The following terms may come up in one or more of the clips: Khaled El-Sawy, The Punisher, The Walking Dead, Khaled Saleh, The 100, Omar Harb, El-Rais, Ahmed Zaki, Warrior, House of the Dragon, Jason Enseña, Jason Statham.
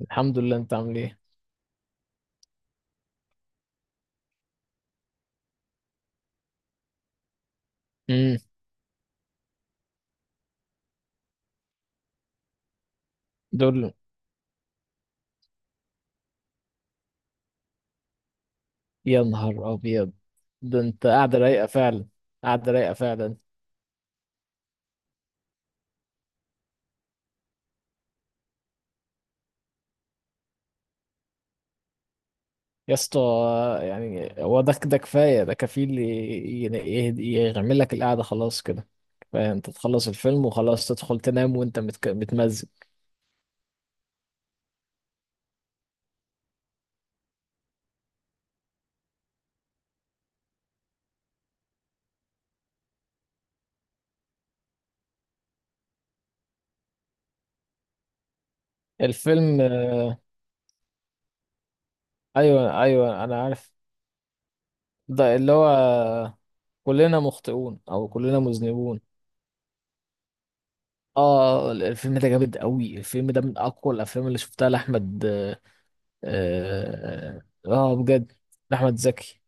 الحمد لله، انت عامل ايه؟ امم دول. يا نهار ابيض، ده انت قاعده رايقه فعلا. قاعده رايقه فعلا. يا اسطى، يعني هو ده كفايه، ده كفيل يعمل لك القعده خلاص كده. كفايه انت تخلص الفيلم وخلاص تدخل تنام وانت متمزج الفيلم. ايوه ايوه انا عارف. ده اللي هو كلنا مخطئون او كلنا مذنبون. اه الفيلم ده جامد قوي، الفيلم ده من اقوى الافلام اللي شفتها لاحمد. اه آه، بجد. احمد زكي،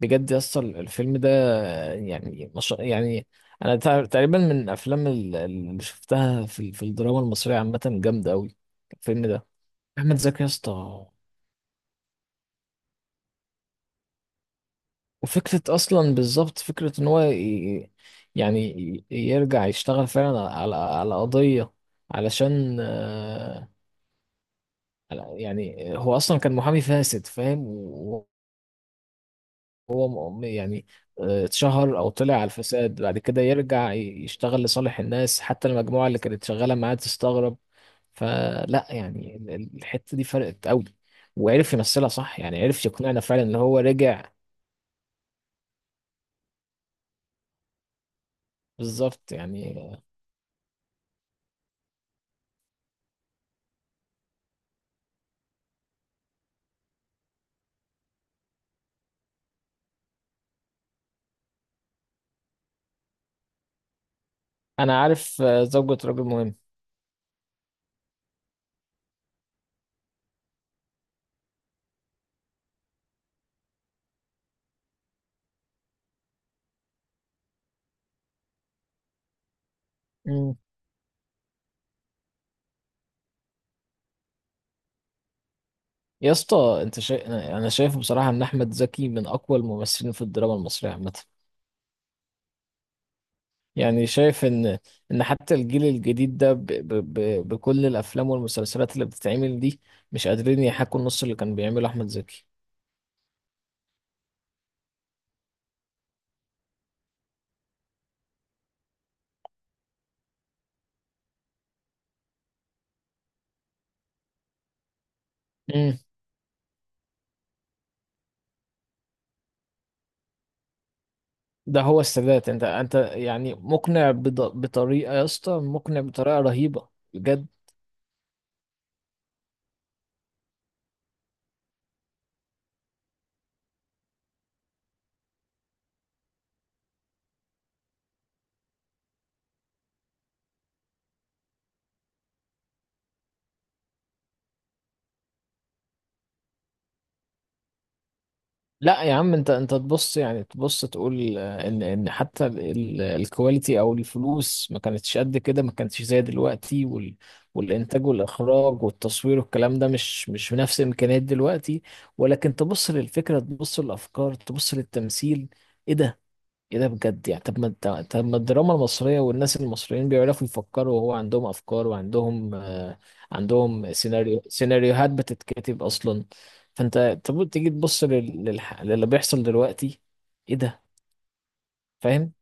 بجد يا اسطى الفيلم ده. يعني مش يعني، انا تقريبا من الافلام اللي شفتها في الدراما المصريه عامه جامده قوي الفيلم ده. احمد زكي يا اسطى. وفكره اصلا بالظبط، فكره ان هو يعني يرجع يشتغل فعلا على قضيه، علشان آه، يعني هو اصلا كان محامي فاسد فاهم. هو م- يعني آه، اتشهر او طلع على الفساد، بعد كده يرجع يشتغل لصالح الناس حتى المجموعه اللي كانت شغاله معاه تستغرب. فلا يعني الحته دي فرقت قوي، وعرف يمثلها صح، يعني عرف يقنعنا فعلا ان هو رجع. بالظبط يعني آه، انا عارف آه، زوجة رجل مهم. مم. يا اسطى، انت شا... انا أنا شايف بصراحه ان احمد زكي من اقوى الممثلين في الدراما المصريه عامه. يعني شايف ان ان حتى الجيل الجديد ده ب ب ب بكل الافلام والمسلسلات اللي بتتعمل دي مش قادرين يحاكوا النص اللي كان بيعمله احمد زكي. امم. ده هو السادات، انت انت يعني مقنع بطريقة، يا اسطى مقنع بطريقة رهيبة بجد. لا يا عم، انت انت تبص يعني، تبص تقول آه، ان ان حتى الكواليتي او الفلوس ما كانتش قد كده، ما كانتش زي دلوقتي وال والانتاج والاخراج والتصوير والكلام ده مش بنفس امكانيات دلوقتي. ولكن تبص للفكره، تبص للافكار، تبص للتمثيل. ايه ده؟ ايه ده بجد؟ يعني طب ما الدراما المصرية والناس المصريين بيعرفوا يفكروا، وهو عندهم افكار وعندهم آه، عندهم سيناريو، سيناريوهات بتتكتب اصلا. فانت طب تيجي تبص للي بيحصل دلوقتي. ايه ده؟ فاهم.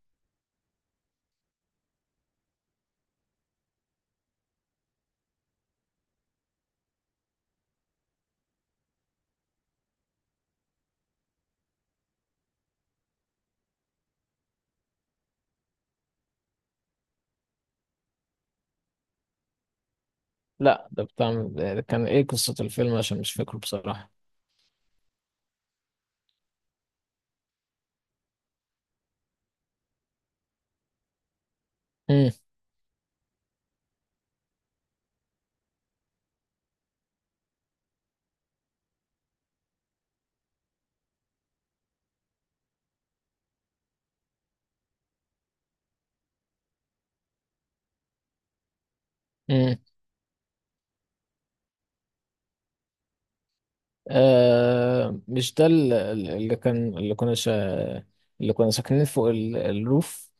لا ده بتاع، ده كان ايه قصة الفيلم؟ عشان مش فاكره بصراحة. امم. امم. آه، مش ده اللي كان، اللي كنا ساكنين فوق الروف.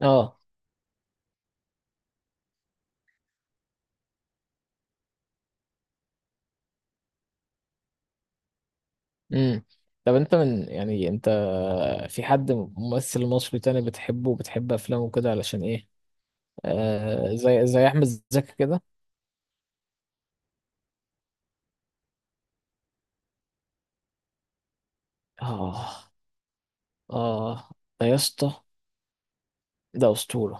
اه. امم. طب انت من، يعني انت في حد ممثل مصري تاني بتحبه وبتحب افلامه كده علشان ايه؟ آه، زي احمد زكي كده. اه. اه. ده يا اسطى، ده اسطوره.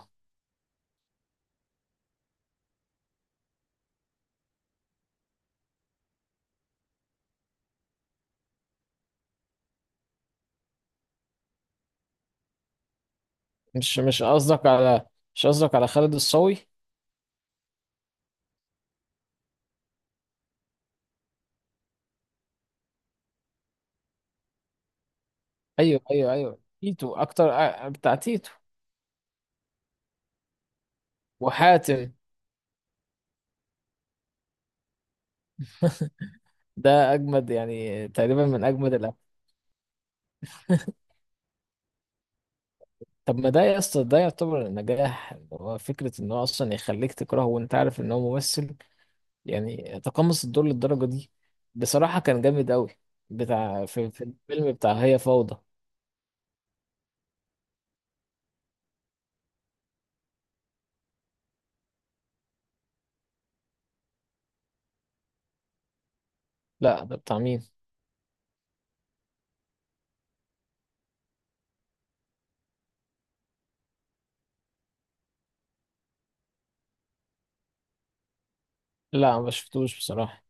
مش مش قصدك على مش قصدك على خالد الصاوي؟ ايوه ايوه، تيتو اكتر، آه، بتاع تيتو. وحاتم، ده اجمد، يعني تقريبا من اجمد طب ما ده يا اسطى، ده يعتبر النجاح، هو فكره ان هو اصلا يخليك تكرهه وانت عارف ان هو ممثل. يعني تقمص الدور للدرجة دي. بصراحة كان جامد أوي. بتاع في الفيلم بتاع هي فوضى. لا ده بتاع مين؟ لا ما شفتوش بصراحة.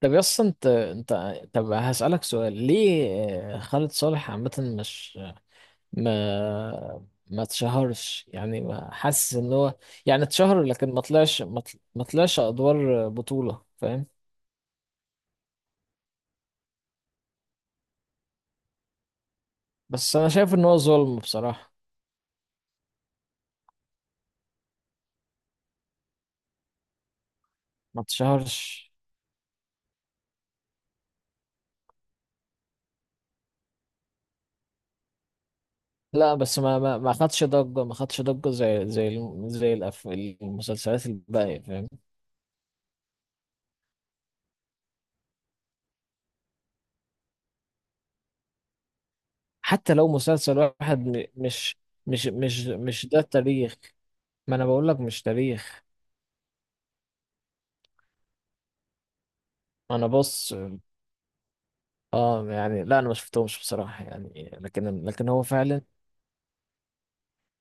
طب يا اسطى انت، انت طب هسألك سؤال. ليه آه، خالد صالح عامة مش ما ما اتشهرش؟ يعني ما حاسس ان هو، يعني اتشهر لكن ما طلعش، ما طلعش ادوار بطولة، فاهم؟ بس انا شايف ان هو ظلم بصراحة. ما اتشهرش. لا بس ما ما ما خدش ضجة، ما خدش ضجة زي زي المسلسلات الباقية، فاهم؟ حتى لو مسلسل واحد مش ده التاريخ. ما انا بقول لك مش تاريخ. انا بص، اه يعني لا انا ما شفتهمش بصراحة، يعني لكن هو فعلا.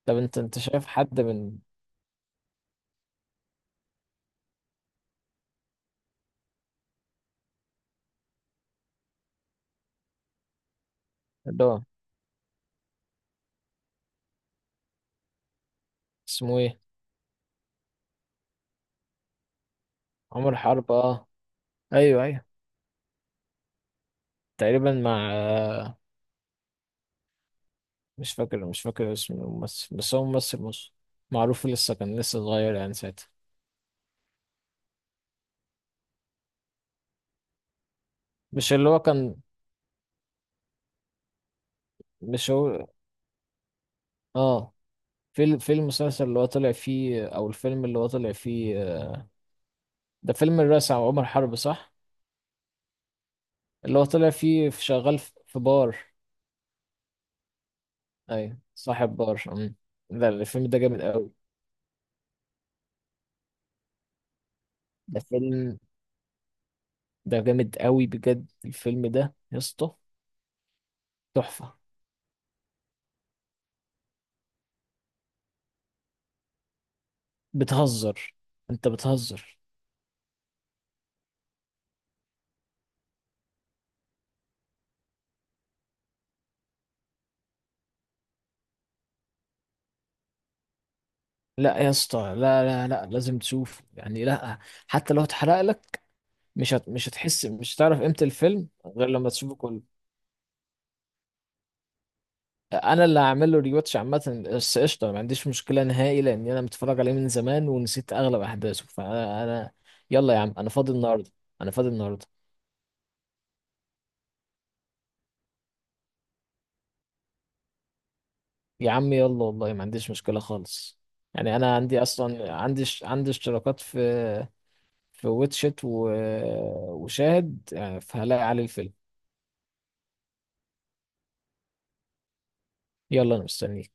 طب انت انت شايف حد من اللي هو اسمه ايه؟ عمر حرب؟ اه ايوه ايوه. تقريبا مع آه، مش فاكر، مش فاكر اسم الممثل، بس هو ممثل مصري معروف، لسه كان لسه صغير يعني ساعتها. مش اللي هو كان، مش هو؟ اه، في في المسلسل اللي هو طلع فيه او الفيلم اللي هو طلع فيه آه، ده فيلم الرئيس عمر حرب، صح؟ اللي هو طلع فيه في، شغال في بار. ايوه، صاحب بار. أمم. ده الفيلم ده جامد قوي، ده فيلم، ده جامد قوي بجد الفيلم ده يا اسطى، تحفة. بتهزر، انت بتهزر. لا يا اسطى، لا لا لا، لازم تشوف يعني. لا حتى لو اتحرق لك، مش هتحس، مش هتعرف قيمة الفيلم غير لما تشوفه كله. انا اللي هعمل له ريواتش عامه، بس قشطه ما عنديش مشكله نهائي، لان انا متفرج عليه من زمان ونسيت اغلب احداثه، انا. يلا يا عم، انا فاضي النهارده. انا فاضي النهارده. يا عم يلا، والله ما عنديش مشكله خالص. يعني انا عندي اصلا عندي عندي اشتراكات في في واتشت وشاهد يعني، فهلاقي عليه الفيلم. يلا انا مستنيك.